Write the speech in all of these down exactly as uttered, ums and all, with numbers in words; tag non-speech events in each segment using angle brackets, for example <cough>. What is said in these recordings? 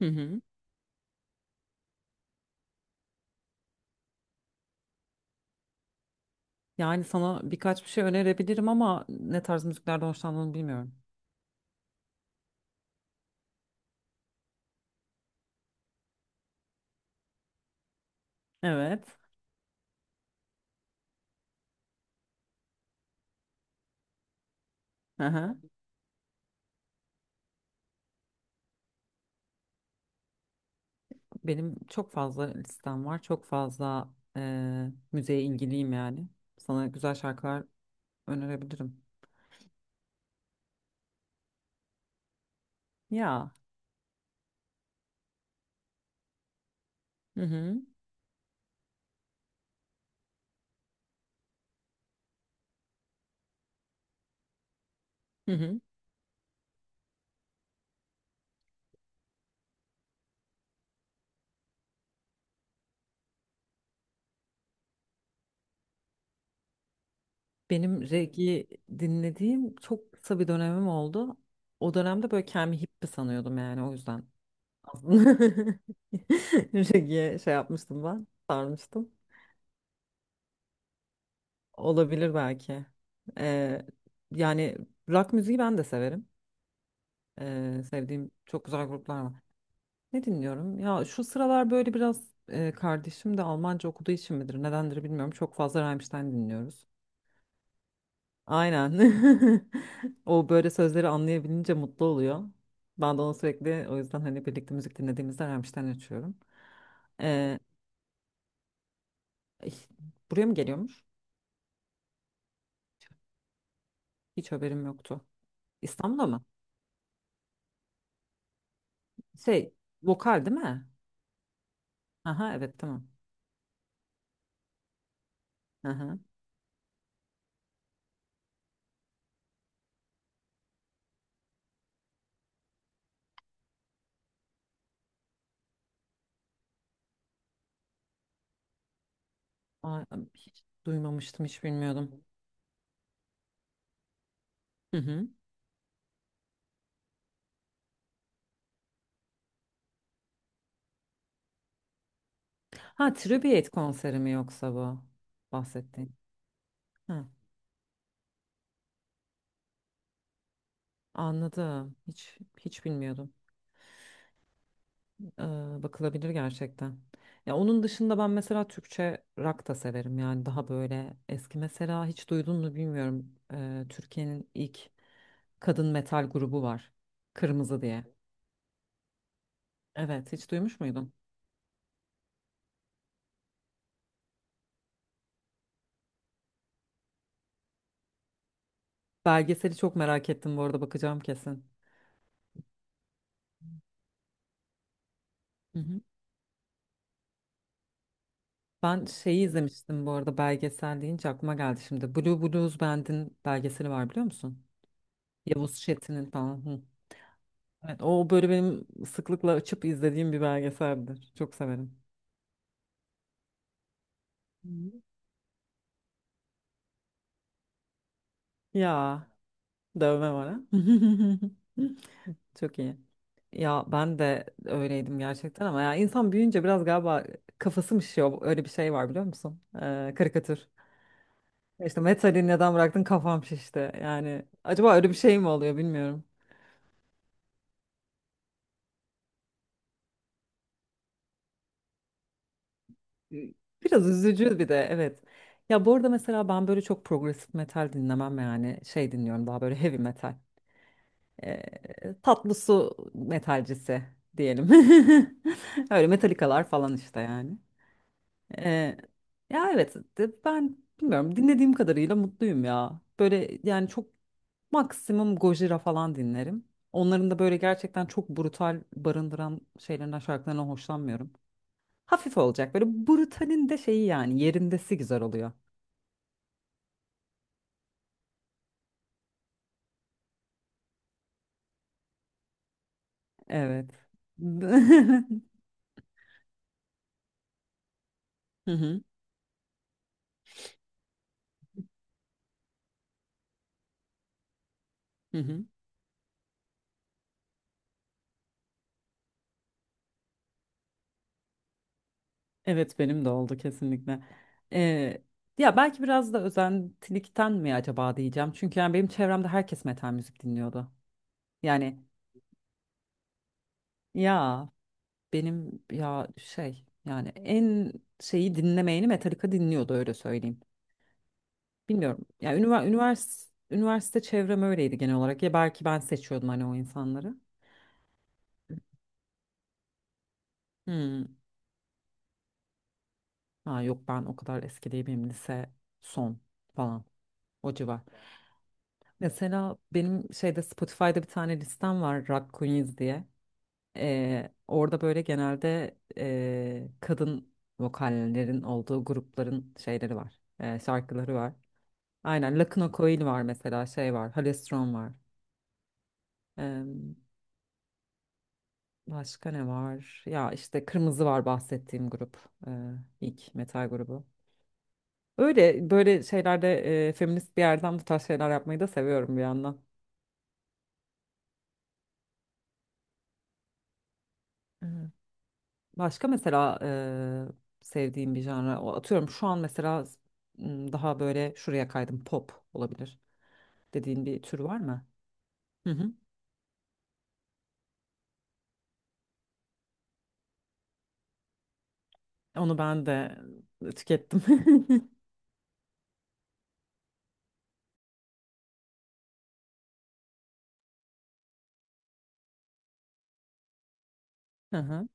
Hı hı. Yani sana birkaç bir şey önerebilirim ama ne tarz müziklerden hoşlandığını bilmiyorum. Evet. Hı hı. Benim çok fazla listem var. Çok fazla eee müziğe ilgiliyim yani. Sana güzel şarkılar önerebilirim. Ya. Hı hı. Hı hı. Benim reggae dinlediğim çok kısa bir dönemim oldu. O dönemde böyle kendimi hippie sanıyordum yani o yüzden. Aslında <laughs> reggae şey yapmıştım ben, sarmıştım. Olabilir belki. Ee, Yani rock müziği ben de severim. Ee, sevdiğim çok güzel gruplar var. Ne dinliyorum? Ya şu sıralar böyle biraz e, kardeşim de Almanca okuduğu için midir, nedendir bilmiyorum. Çok fazla Rammstein dinliyoruz. Aynen. <laughs> O böyle sözleri anlayabilince mutlu oluyor. Ben de onu sürekli o yüzden hani birlikte müzik dinlediğimizde Rammstein açıyorum. Ee, ih, Buraya mı geliyormuş? Hiç haberim yoktu. İstanbul'a mı? Şey, vokal değil mi? Aha, evet, tamam. Hı hı. Aa, hiç duymamıştım, hiç bilmiyordum. Hı hı. Ha, tribute konseri mi yoksa bu bahsettiğin? Ha, anladım. Hiç hiç bilmiyordum. Ee, Bakılabilir gerçekten. Ya onun dışında ben mesela Türkçe rock da severim. Yani daha böyle eski, mesela hiç duydun mu bilmiyorum. Ee, Türkiye'nin ilk kadın metal grubu var. Kırmızı diye. Evet, hiç duymuş muydun? Belgeseli çok merak ettim, bu arada bakacağım kesin. Hı hı. Ben şeyi izlemiştim, bu arada belgesel deyince aklıma geldi şimdi. Blue Blues Band'in belgeseli var, biliyor musun? Yavuz Çetin'in falan. Hı. Evet, o böyle benim sıklıkla açıp izlediğim bir belgeseldir. Çok severim. Hı. Ya dövme var ha. <laughs> Çok iyi. Ya ben de öyleydim gerçekten ama ya insan büyüyünce biraz galiba kafası mı şişiyor? Öyle bir şey var biliyor musun? Ee, karikatür. İşte metali neden bıraktın, kafam şişti. Yani acaba öyle bir şey mi oluyor bilmiyorum. Biraz üzücü bir de, evet. Ya bu arada mesela ben böyle çok progresif metal dinlemem, yani şey dinliyorum daha böyle heavy metal. Ee, tatlı su metalcisi diyelim. <laughs> Öyle metalikalar falan işte yani. Ee, ya evet de- Ben bilmiyorum, dinlediğim kadarıyla mutluyum ya. Böyle yani çok maksimum Gojira falan dinlerim. Onların da böyle gerçekten çok brutal barındıran şeylerinden, şarkılarından hoşlanmıyorum. Hafif olacak. Böyle brutalin de şeyi yani yerindesi güzel oluyor. Evet. <laughs> Hı hı, hı hı. Evet, benim de oldu kesinlikle. Ee, Ya belki biraz da özentilikten mi acaba diyeceğim. Çünkü yani benim çevremde herkes metal müzik dinliyordu. Yani ya benim ya şey yani En şeyi dinlemeyeni Metallica dinliyordu, öyle söyleyeyim. Bilmiyorum. Ya ünivers üniversite, üniversite çevrem öyleydi genel olarak. Ya belki ben seçiyordum hani o insanları. Hmm. Ha yok, ben o kadar eski değil, benim lise son falan o civar. Mesela benim şeyde Spotify'da bir tane listem var, Rock Queens diye. Ee, orada böyle genelde ee, kadın vokallerin olduğu grupların şeyleri var. Ee, şarkıları var. Aynen, Lakuna Coil var mesela, şey var, Halestron var. Ee, Başka ne var? Ya işte Kırmızı var, bahsettiğim grup. ee, ilk metal grubu. Öyle böyle şeylerde e, feminist bir yerden bu tarz şeyler yapmayı da seviyorum bir yandan. Evet. Başka mesela e, sevdiğim bir janra o- atıyorum şu an mesela, m, daha böyle şuraya kaydım, pop olabilir dediğin bir tür var mı? Hı hı. Onu ben de tükettim. <laughs> Hı hı.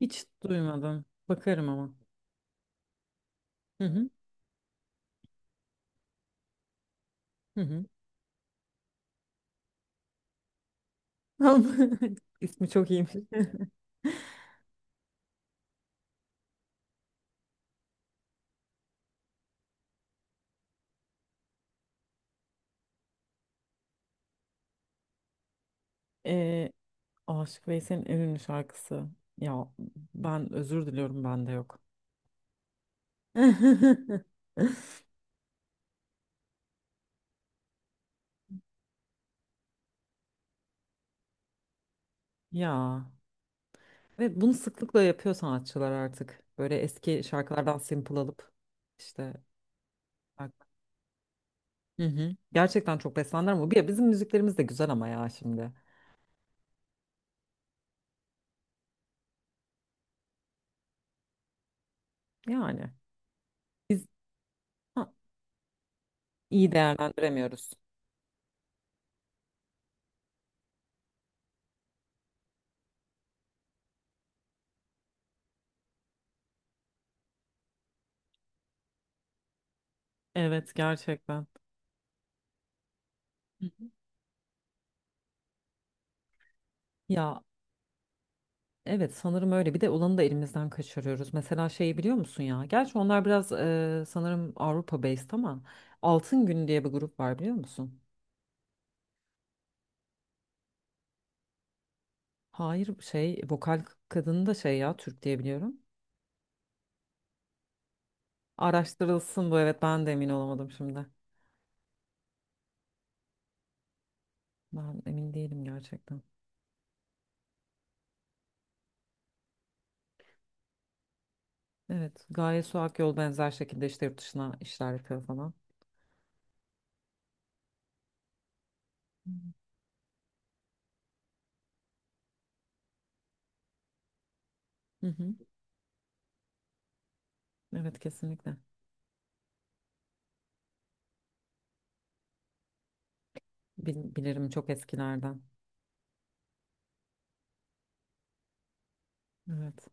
Hiç duymadım. Bakarım ama. Hı hı. Hı hı. <laughs> İsmi çok iyiymiş. <laughs> Ee, Aşık Veysel'in en ünlü şarkısı. Ya ben özür diliyorum, bende yok. <laughs> Ya, ve bunu sıklıkla yapıyor sanatçılar artık. Böyle eski şarkılardan sample alıp işte bak. Hı hı. Gerçekten çok beslendiler ama bir- bizim müziklerimiz de güzel ama ya şimdi. Yani biz, ha, iyi değerlendiremiyoruz. Evet, gerçekten. Hı hı. Ya evet, sanırım öyle. Bir de olanı da elimizden kaçırıyoruz. Mesela şeyi biliyor musun ya? Gerçi onlar biraz e, sanırım Avrupa based ama Altın Gün diye bir grup var, biliyor musun? Hayır, şey, vokal kadını da şey ya, Türk diye biliyorum. Araştırılsın bu, evet, ben de emin olamadım şimdi. Ben emin değilim gerçekten. Evet, Gaye Su Akyol benzer şekilde işte yurt dışına işler yapıyor falan. Hı hı. Evet kesinlikle. Bil- bilirim, çok eskilerden. Evet.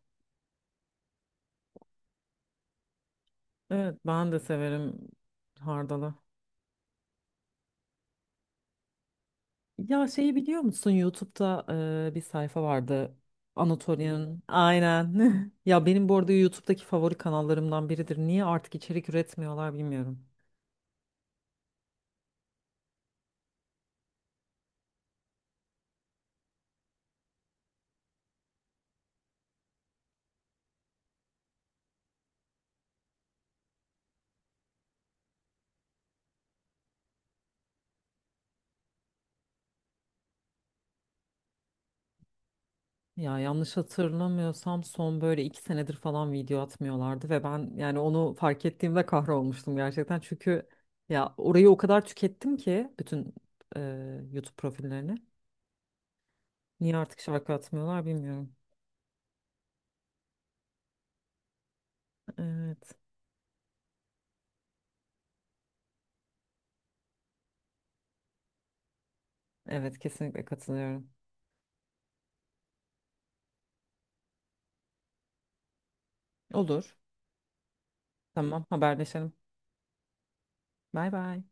Evet, ben de severim Hardal'ı. Ya şeyi biliyor musun? YouTube'da e, bir sayfa vardı. Anatolian. Aynen. <laughs> Ya benim bu arada YouTube'daki favori kanallarımdan biridir. Niye artık içerik üretmiyorlar bilmiyorum. Ya yanlış hatırlamıyorsam son böyle iki senedir falan video atmıyorlardı ve ben yani onu fark ettiğimde kahrolmuştum gerçekten. Çünkü ya orayı o kadar tükettim ki bütün e, YouTube profillerini. Niye artık şarkı atmıyorlar bilmiyorum. Evet. Evet kesinlikle katılıyorum. Olur. Tamam, haberleşelim. Bay bay.